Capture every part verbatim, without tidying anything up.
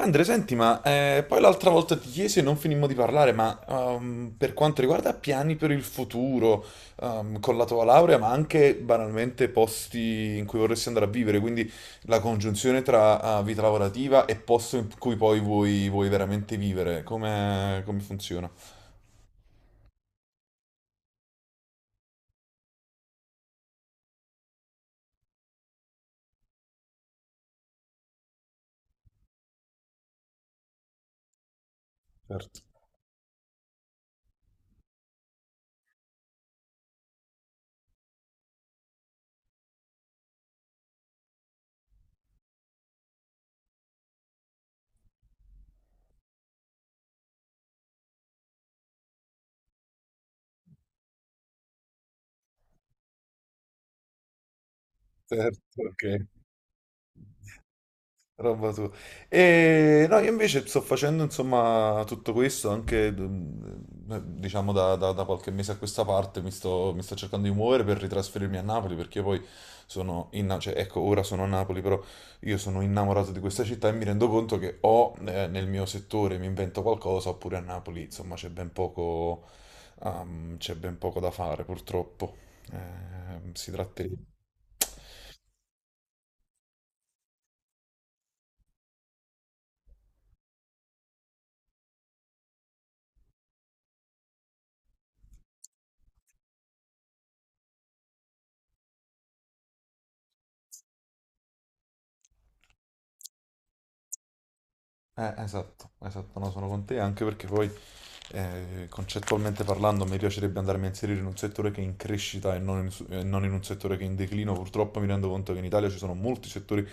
Andre, senti, ma eh, poi l'altra volta ti chiesi e non finimmo di parlare, ma ehm, per quanto riguarda piani per il futuro, ehm, con la tua laurea, ma anche banalmente posti in cui vorresti andare a vivere, quindi la congiunzione tra eh, vita lavorativa e posto in cui poi vuoi, vuoi veramente vivere, come, come funziona? Certo, certo, ok. Roba tua. E no, io invece sto facendo insomma tutto questo anche mm, eh, diciamo da, da- da qualche mese a questa parte mi sto, mi sto cercando di muovere per ritrasferirmi a Napoli, perché io poi sono in, cioè, ecco, ora sono a Napoli, però io sono innamorato di questa città e mi rendo conto che o eh, nel mio settore mi invento qualcosa oppure a Napoli insomma c'è ben poco, ehm, c'è ben poco da fare purtroppo. Eh, si tratterebbe. Eh, esatto, esatto, no, sono con te, anche perché poi eh, concettualmente parlando mi piacerebbe andarmi a inserire in un settore che è in crescita e non in, su- e non in un settore che è in declino. Purtroppo mi rendo conto che in Italia ci sono molti settori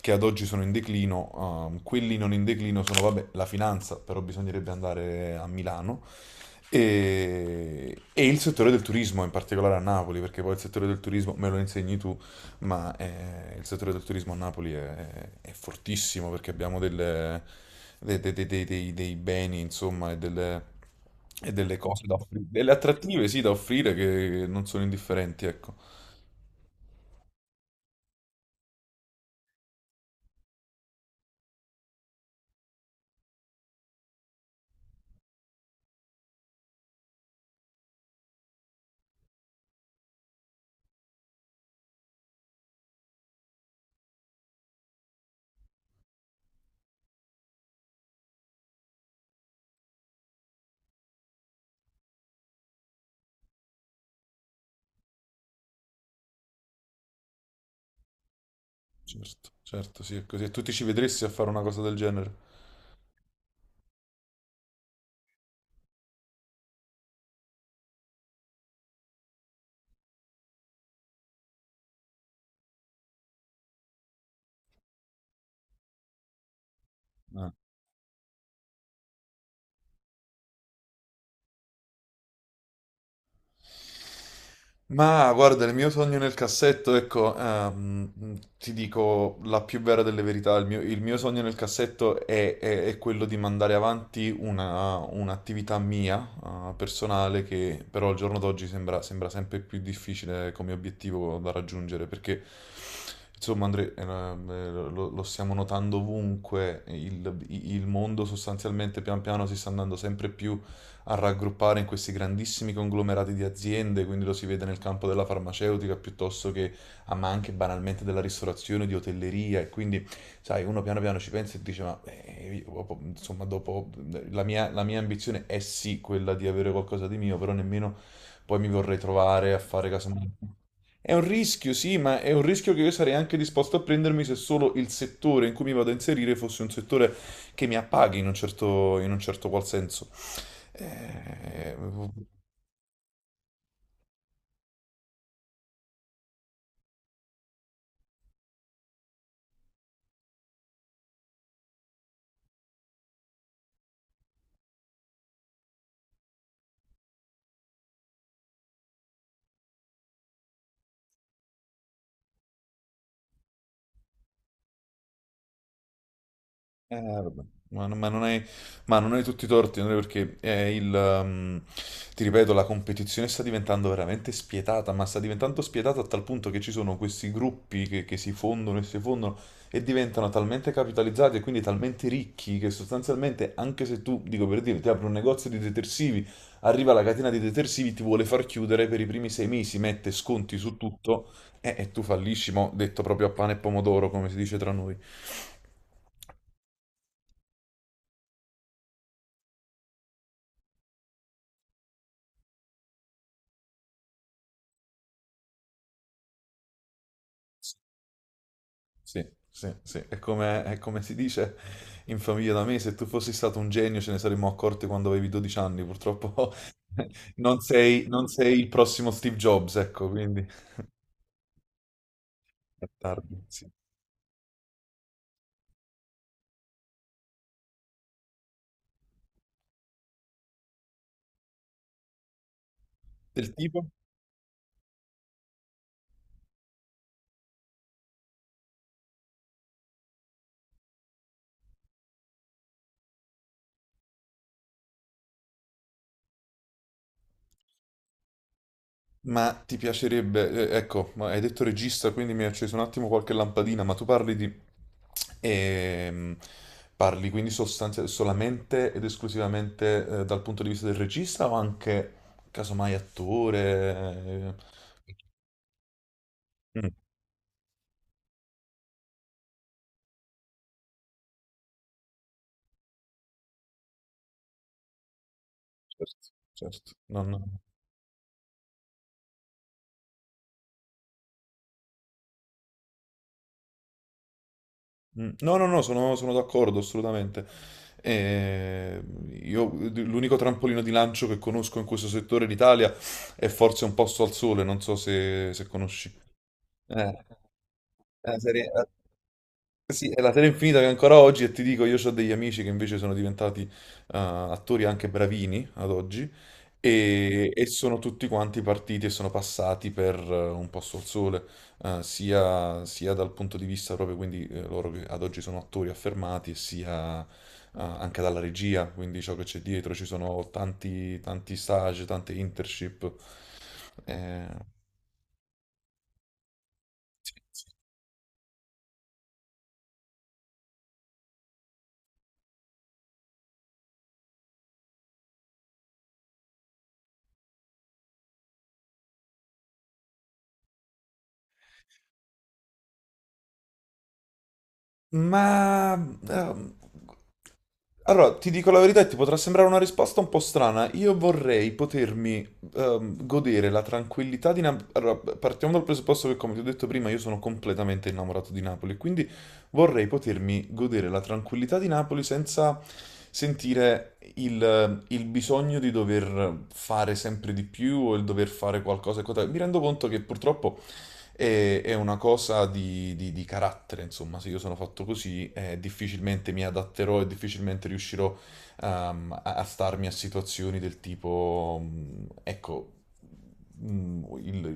che ad oggi sono in declino, ehm, quelli non in declino sono, vabbè, la finanza, però bisognerebbe andare a Milano. E, e il settore del turismo, in particolare a Napoli, perché poi il settore del turismo me lo insegni tu, ma eh, il settore del turismo a Napoli è, è fortissimo, perché abbiamo delle, dei, dei- dei- dei- dei- dei beni, insomma, e delle, e delle cose da offrire, delle attrattive, sì, da offrire che, che non sono indifferenti, ecco. Certo, certo, sì, è così. E tu ti ci vedresti a fare una cosa del genere? Eh. Ma guarda, il mio sogno nel cassetto, ecco, ehm, ti dico la più vera delle verità, il mio, il mio sogno nel cassetto è, è- è quello di mandare avanti una, un'attività mia, eh, personale, che però al giorno d'oggi sembra, sembra sempre più difficile come obiettivo da raggiungere, perché insomma, Andre, eh, eh, lo, lo stiamo notando ovunque, il, il mondo sostanzialmente pian piano si sta andando sempre più a raggruppare in questi grandissimi conglomerati di aziende, quindi lo si vede nel campo della farmaceutica piuttosto che, ah, ma anche banalmente della ristorazione, di hotelleria e quindi, sai, uno piano piano ci pensa e dice, ma eh, io, insomma, dopo la mia, la mia ambizione è sì quella di avere qualcosa di mio, però nemmeno poi mi vorrei trovare a fare casomai. È un rischio, sì, ma è un rischio che io sarei anche disposto a prendermi se solo il settore in cui mi vado a inserire fosse un settore che mi appaghi in un certo, in un certo qual senso. Eh, Eh, vabbè. Ma, non ma non hai, ma non hai tutti i torti, Andrea, perché è il, um, ti ripeto, la competizione sta diventando veramente spietata, ma sta diventando spietata a tal punto che ci sono questi gruppi che, che si fondono e si fondono e diventano talmente capitalizzati e quindi talmente ricchi che sostanzialmente, anche se tu, dico per dire, ti apri un negozio di detersivi, arriva la catena di detersivi, ti vuole far chiudere per i primi sei mesi, mette sconti su tutto e, e tu fallisci, mo, detto proprio a pane e pomodoro, come si dice tra noi. Sì, sì, sì. È come, è come si dice in famiglia da me, se tu fossi stato un genio ce ne saremmo accorti quando avevi dodici anni, purtroppo non sei, non sei il prossimo Steve Jobs, ecco, quindi è tardi, sì. Del tipo? Ma ti piacerebbe, eh, ecco, ma hai detto regista, quindi mi hai acceso un attimo qualche lampadina, ma tu parli di... ehm, parli quindi sostanzialmente solamente ed esclusivamente eh, dal punto di vista del regista o anche casomai attore? Eh? Mm. Certo, certo. No, no. Mm. No, no, no, sono, sono d'accordo assolutamente. Eh, io l'unico trampolino di lancio che conosco in questo settore in Italia è forse Un posto al sole, non so se, se conosci. Eh, eh, serie- Sì, è la serie infinita che ancora oggi, e ti dico, io ho degli amici che invece sono diventati eh, attori anche bravini ad oggi, e, e sono tutti quanti partiti e sono passati per eh, un posto al sole, eh, sia, sia dal punto di vista proprio, quindi eh, loro che ad oggi sono attori affermati, e sia eh, anche dalla regia, quindi ciò che c'è dietro, ci sono tanti, tanti stage, tante internship. eh, ma ehm, Allora, ti dico la verità, e ti potrà sembrare una risposta un po' strana. Io vorrei potermi ehm, godere la tranquillità di Napoli. Allora, partiamo dal presupposto che, come ti ho detto prima, io sono completamente innamorato di Napoli, quindi vorrei potermi godere la tranquillità di Napoli senza sentire il, il bisogno di dover fare sempre di più o il dover fare qualcosa e quant'altro. Mi rendo conto che purtroppo e è una cosa di, di- di carattere, insomma, se io sono fatto così, eh, difficilmente mi adatterò e difficilmente riuscirò, ehm, a, a starmi a situazioni del tipo, mm, ecco, mm, il,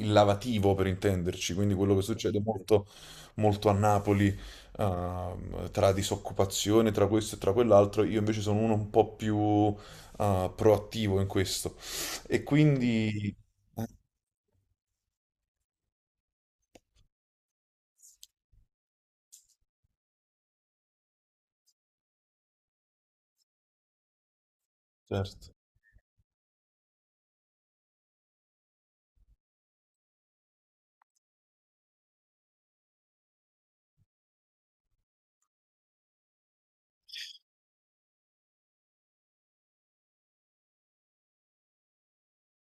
il lavativo per intenderci, quindi quello che succede molto, molto a Napoli, ehm, tra disoccupazione, tra questo e tra quell'altro, io invece sono uno un po' più, eh, proattivo in questo. E quindi... eh, certo.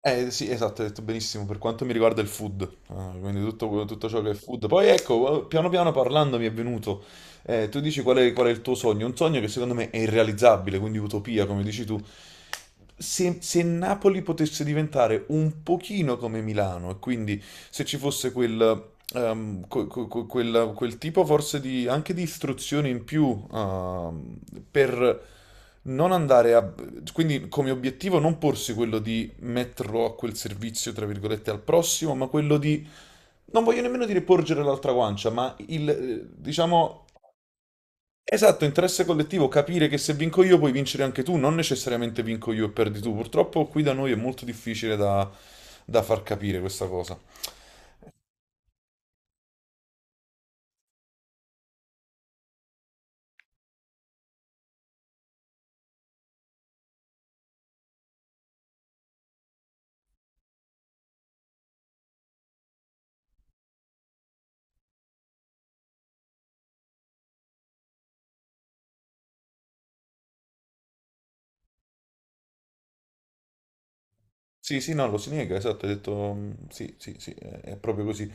Eh sì, esatto, hai detto benissimo per quanto mi riguarda il food. Ah, quindi tutto, tutto ciò che è food. Poi ecco, eh, piano piano parlando mi è venuto, eh, tu dici qual è, qual è il tuo sogno, un sogno che secondo me è irrealizzabile, quindi utopia, come dici tu. Se, se Napoli potesse diventare un pochino come Milano, e quindi se ci fosse quel, Ehm, que- que- que- quel, quel tipo forse di, anche di istruzione in più, ehm, per non andare a... Quindi come obiettivo non porsi quello di metterlo a quel servizio, tra virgolette, al prossimo, ma quello di... Non voglio nemmeno dire porgere l'altra guancia, ma il, eh, diciamo, esatto, interesse collettivo, capire che se vinco io puoi vincere anche tu, non necessariamente vinco io e perdi tu. Purtroppo qui da noi è molto difficile da da far capire questa cosa. Sì, sì, no, lo si nega, esatto, hai detto mm, sì, sì, sì, è è proprio così.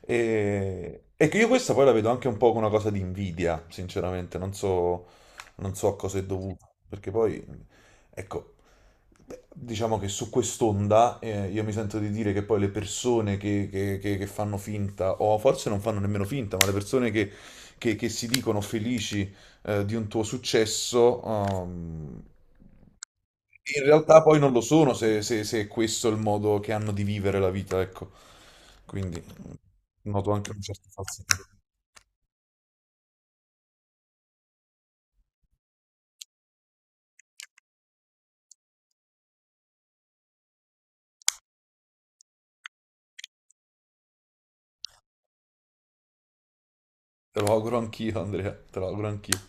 E, e che io questa poi la vedo anche un po' come una cosa di invidia, sinceramente, non so, non so a cosa è dovuto, perché poi, mm, ecco, beh, diciamo che su quest'onda eh, io mi sento di dire che poi le persone che, che- che- che fanno finta, o forse non fanno nemmeno finta, ma le persone che, che- che si dicono felici eh, di un tuo successo, ehm, in realtà poi non lo sono se, se- se è questo il modo che hanno di vivere la vita, ecco. Quindi noto anche un certo falsità. Te lo auguro anch'io, Andrea, te lo auguro anch'io.